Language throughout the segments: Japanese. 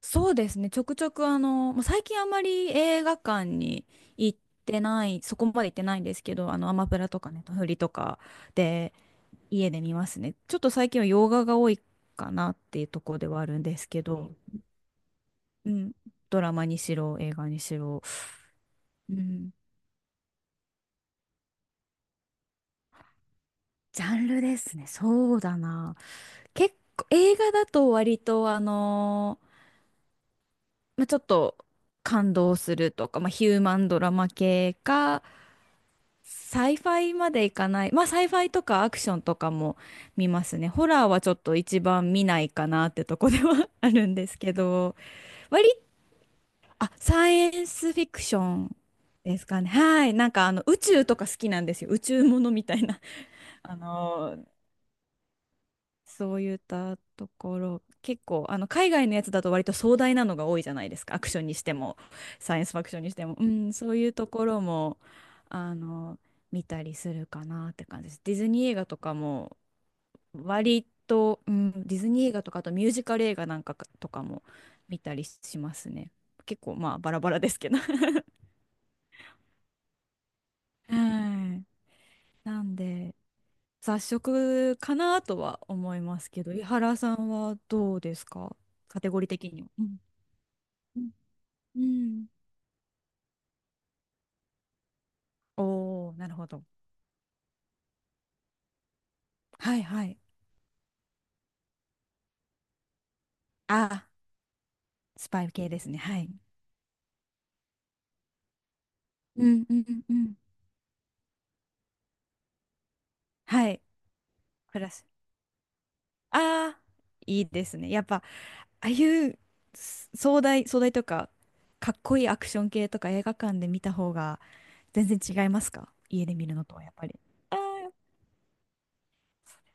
そうですね。ちょくちょくもう最近あんまり映画館に行ってない、そこまで行ってないんですけど、アマプラとかネットフリとかで家で見ますね。ちょっと最近は洋画が多いかなっていうところではあるんですけど、うん、ドラマにしろ、映画にしろ、うん、ジャンルですね。そうだな。結構、映画だと割とまあ、ちょっと感動するとか、まあ、ヒューマンドラマ系か、サイファイまでいかない。まあ、サイファイとかアクションとかも見ますね。ホラーはちょっと一番見ないかなってとこでは あるんですけど、割、あ、サイエンスフィクションですかね。はい。なんか宇宙とか好きなんですよ。宇宙ものみたいな。あのそういったところ、結構、海外のやつだと割と壮大なのが多いじゃないですか。アクションにしても、サイエンスファクションにしても。うん、そういうところも、あの、見たりするかなって感じです。ディズニー映画とかも、割と、うん、ディズニー映画とか、あとミュージカル映画なんかかとかも見たりしますね。結構、まあ、バラバラですけど。はい。なんで、雑食かなとは思いますけど、井原さんはどうですか？カテゴリー的には。うん。うん。おおー、なるほど。はいはい。あ、スパイ系ですね。はい。うんうんうんうん。はい。プラス。ああ、いいですね。やっぱ、ああいうす壮大、壮大とか、かっこいいアクション系とか映画館で見た方が全然違いますか？家で見るのとはやっぱり。ああ、そ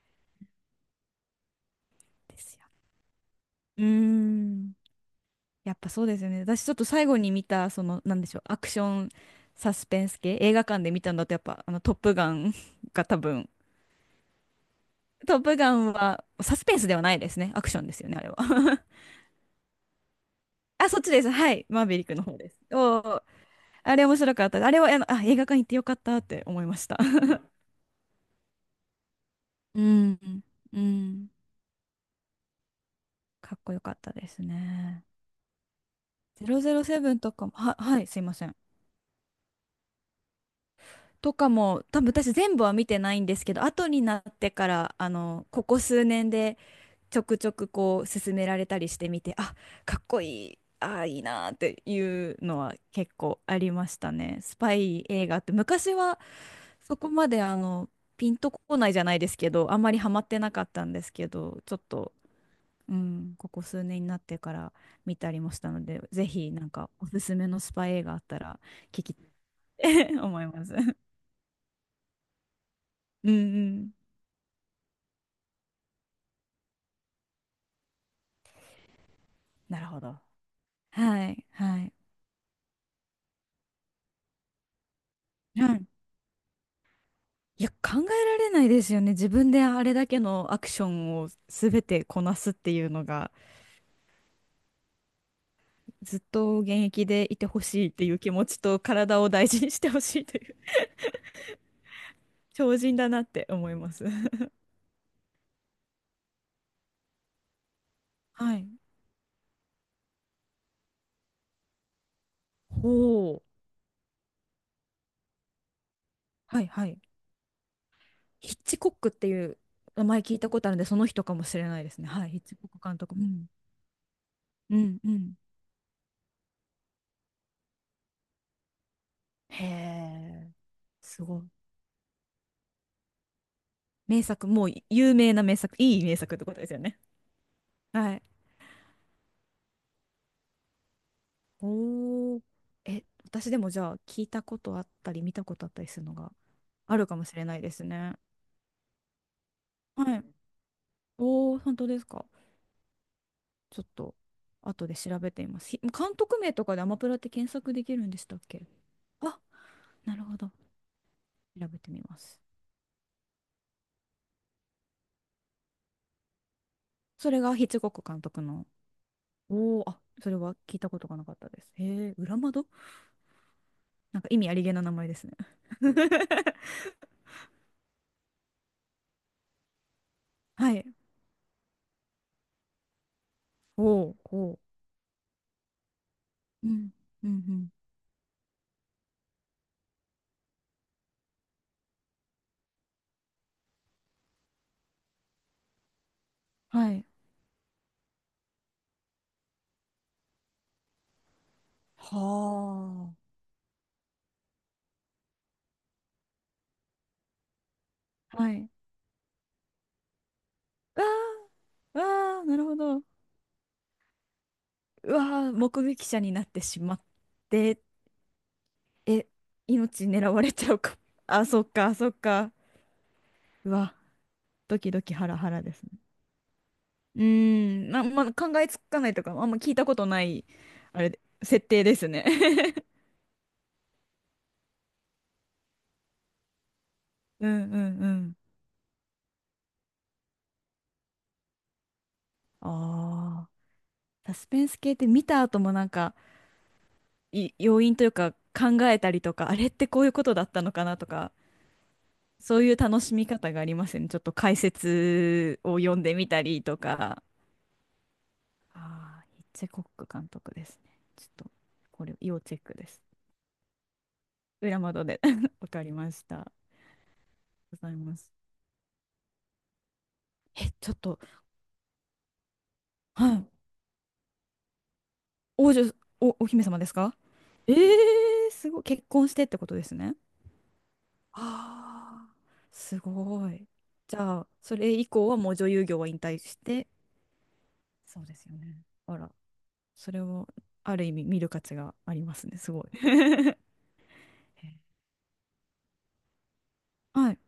うですよ。うーん。やっぱそうですよね。私ちょっと最後に見た、その、なんでしょう、アクションサスペンス系、映画館で見たんだと、やっぱ、トップガン が多分、トップガンはサスペンスではないですね。アクションですよね、あれは。あ、そっちです。はい。マーヴェリックの方です。おお、あれ面白かった。あれは、映画館行ってよかったって思いました。うん、うん。かっこよかったですね。007とかも、はい、すいません。とかも、多分私全部は見てないんですけど、後になってから、ここ数年でちょくちょくこう勧められたりしてみて、あ、かっこいい、あいいなーっていうのは結構ありましたね。スパイ映画って昔はそこまでピンとこないじゃないですけど、あんまりハマってなかったんですけど、ちょっと、うん、ここ数年になってから見たりもしたので、ぜひなんかおすすめのスパイ映画あったら聞きたい 思います。うんうん。なるほど。はい、はい。はい、いや、考えられないですよね。自分であれだけのアクションを全てこなすっていうのが、ずっと現役でいてほしいっていう気持ちと、体を大事にしてほしいという 超人だなって思います。はい。ほう。はいはい。ヒッチコックっていう名前聞いたことあるんで、その人かもしれないですね。はい、ヒッチコック監督。うん。うんうん。へえ、すごい。名作、もう有名な名作、いい名作ってことですよね。はい。おー。え、私でもじゃあ聞いたことあったり見たことあったりするのがあるかもしれないですね。はい。おー、本当ですか？ちょっと後で調べてみます。ひ監督名とかでアマプラって検索できるんでしたっけ？あ、なるほど。調べてみます。それがヒッチコック監督の。おー、あ、それは聞いたことがなかったです。へえ、裏窓。なんか意味ありげな名前ですね。はい。おー、こう。うん、うん、うん。はい。はあ。はい。わあ、わあ、なるほど。うわあ、目撃者になってしまって、え、命狙われちゃうか。あ、そっか、そっか。うわ、ドキドキハラハラですね。うーん、まあ、考えつかないとか、あんま聞いたことない、あれで、設定ですね。うんうんうん。ああ、サスペンス系って見た後もなんか、要因というか考えたりとか、あれってこういうことだったのかなとか、そういう楽しみ方がありますよね。ちょっと解説を読んでみたりとか。ああ、ヒッチコック監督ですね。ちょっと、これ、要チェックです。裏窓で わかりました。ありがとうございます。え、ちょっと、はい。王女、お姫様ですか？えー、すごい。結婚してってことですね。ああ、すごい。じゃあ、それ以降はもう女優業は引退して、そうですよね。あら、それをある意味見る価値がありますね、すごい。はい。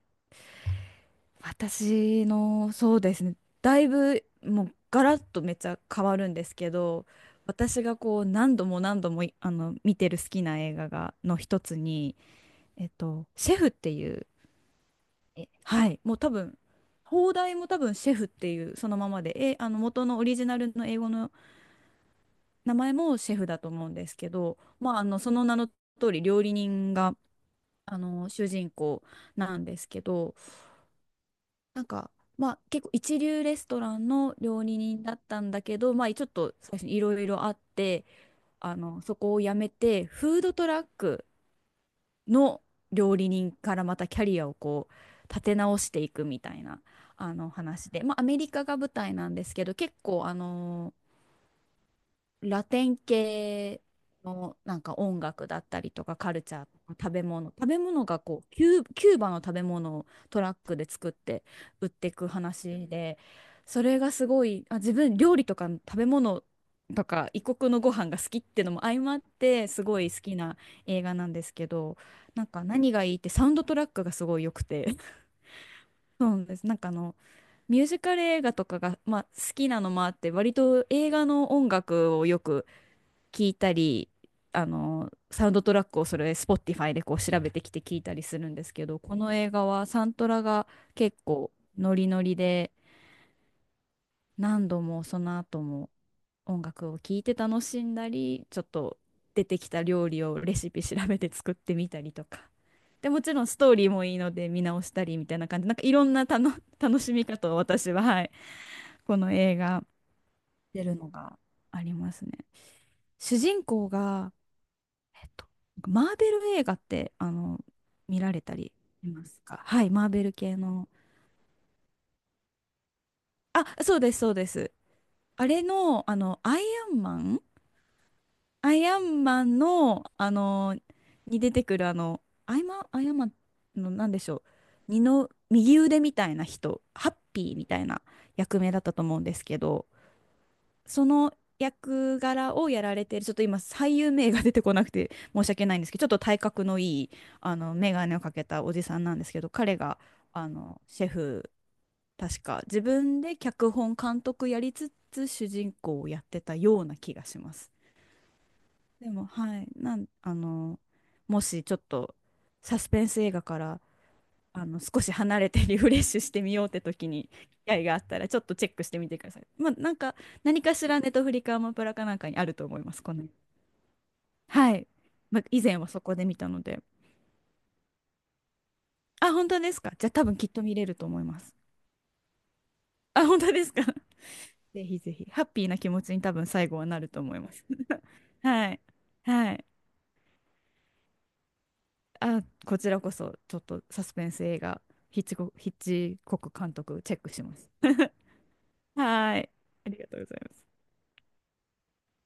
私の、そうですね、だいぶもうガラッとめっちゃ変わるんですけど、私がこう何度も何度も見てる好きな映画がの一つに、えっと、シェフっていう、え、はい、もう多分、放題も多分シェフっていうそのままで、え、元のオリジナルの英語の名前もシェフだと思うんですけど、まあ、その名の通り料理人が主人公なんですけど、なんかまあ結構一流レストランの料理人だったんだけど、まあちょっと最初にいろいろあって、そこを辞めてフードトラックの料理人からまたキャリアをこう立て直していくみたいな話で、まあアメリカが舞台なんですけど、結構ラテン系のなんか音楽だったりとかカルチャーとか食べ物、食べ物がこうキューバの食べ物をトラックで作って売っていく話で、それがすごい、あ、自分料理とか食べ物とか異国のご飯が好きってのも相まってすごい好きな映画なんですけど、なんか何がいいってサウンドトラックがすごい良くて そうなんです。なんかミュージカル映画とかが、まあ、好きなのもあって割と映画の音楽をよく聞いたり、サウンドトラックをそれ、Spotify でこう調べてきて聞いたりするんですけど、この映画はサントラが結構ノリノリで、何度もその後も音楽を聴いて楽しんだり、ちょっと出てきた料理をレシピ調べて作ってみたりとか。で、もちろんストーリーもいいので見直したりみたいな感じ、なんかいろんなたの楽しみ方を私は、はい、この映画、出るのがありますね。主人公が、えっとマーベル映画って見られたりしますか？はい、マーベル系の。あ、そうです、そうです。あれの、アンマンアイアンマンの、に出てくる、アイアンマンの、なんでしょう、二の右腕みたいな人、ハッピーみたいな役名だったと思うんですけど、その役柄をやられている、ちょっと今、俳優名が出てこなくて申し訳ないんですけど、ちょっと体格のいい、眼鏡をかけたおじさんなんですけど、彼が、シェフ、確か、自分で脚本、監督やりつつ、主人公をやってたような気がします。でも、はい、なん、あの、もしちょっと、サスペンス映画から少し離れてリフレッシュしてみようって時に機会があったらちょっとチェックしてみてください。まあ、なんか何かしらネットフリかアマプラかなんかにあると思います。この、はい。まあ、以前はそこで見たので。あ、本当ですか？じゃあ多分きっと見れると思います。あ、本当ですか？ぜひぜひ。ハッピーな気持ちに多分最後はなると思います。はい。はい。あ、こちらこそちょっとサスペンス映画、ヒッチコック監督チェックします。はい。ありがとうございます。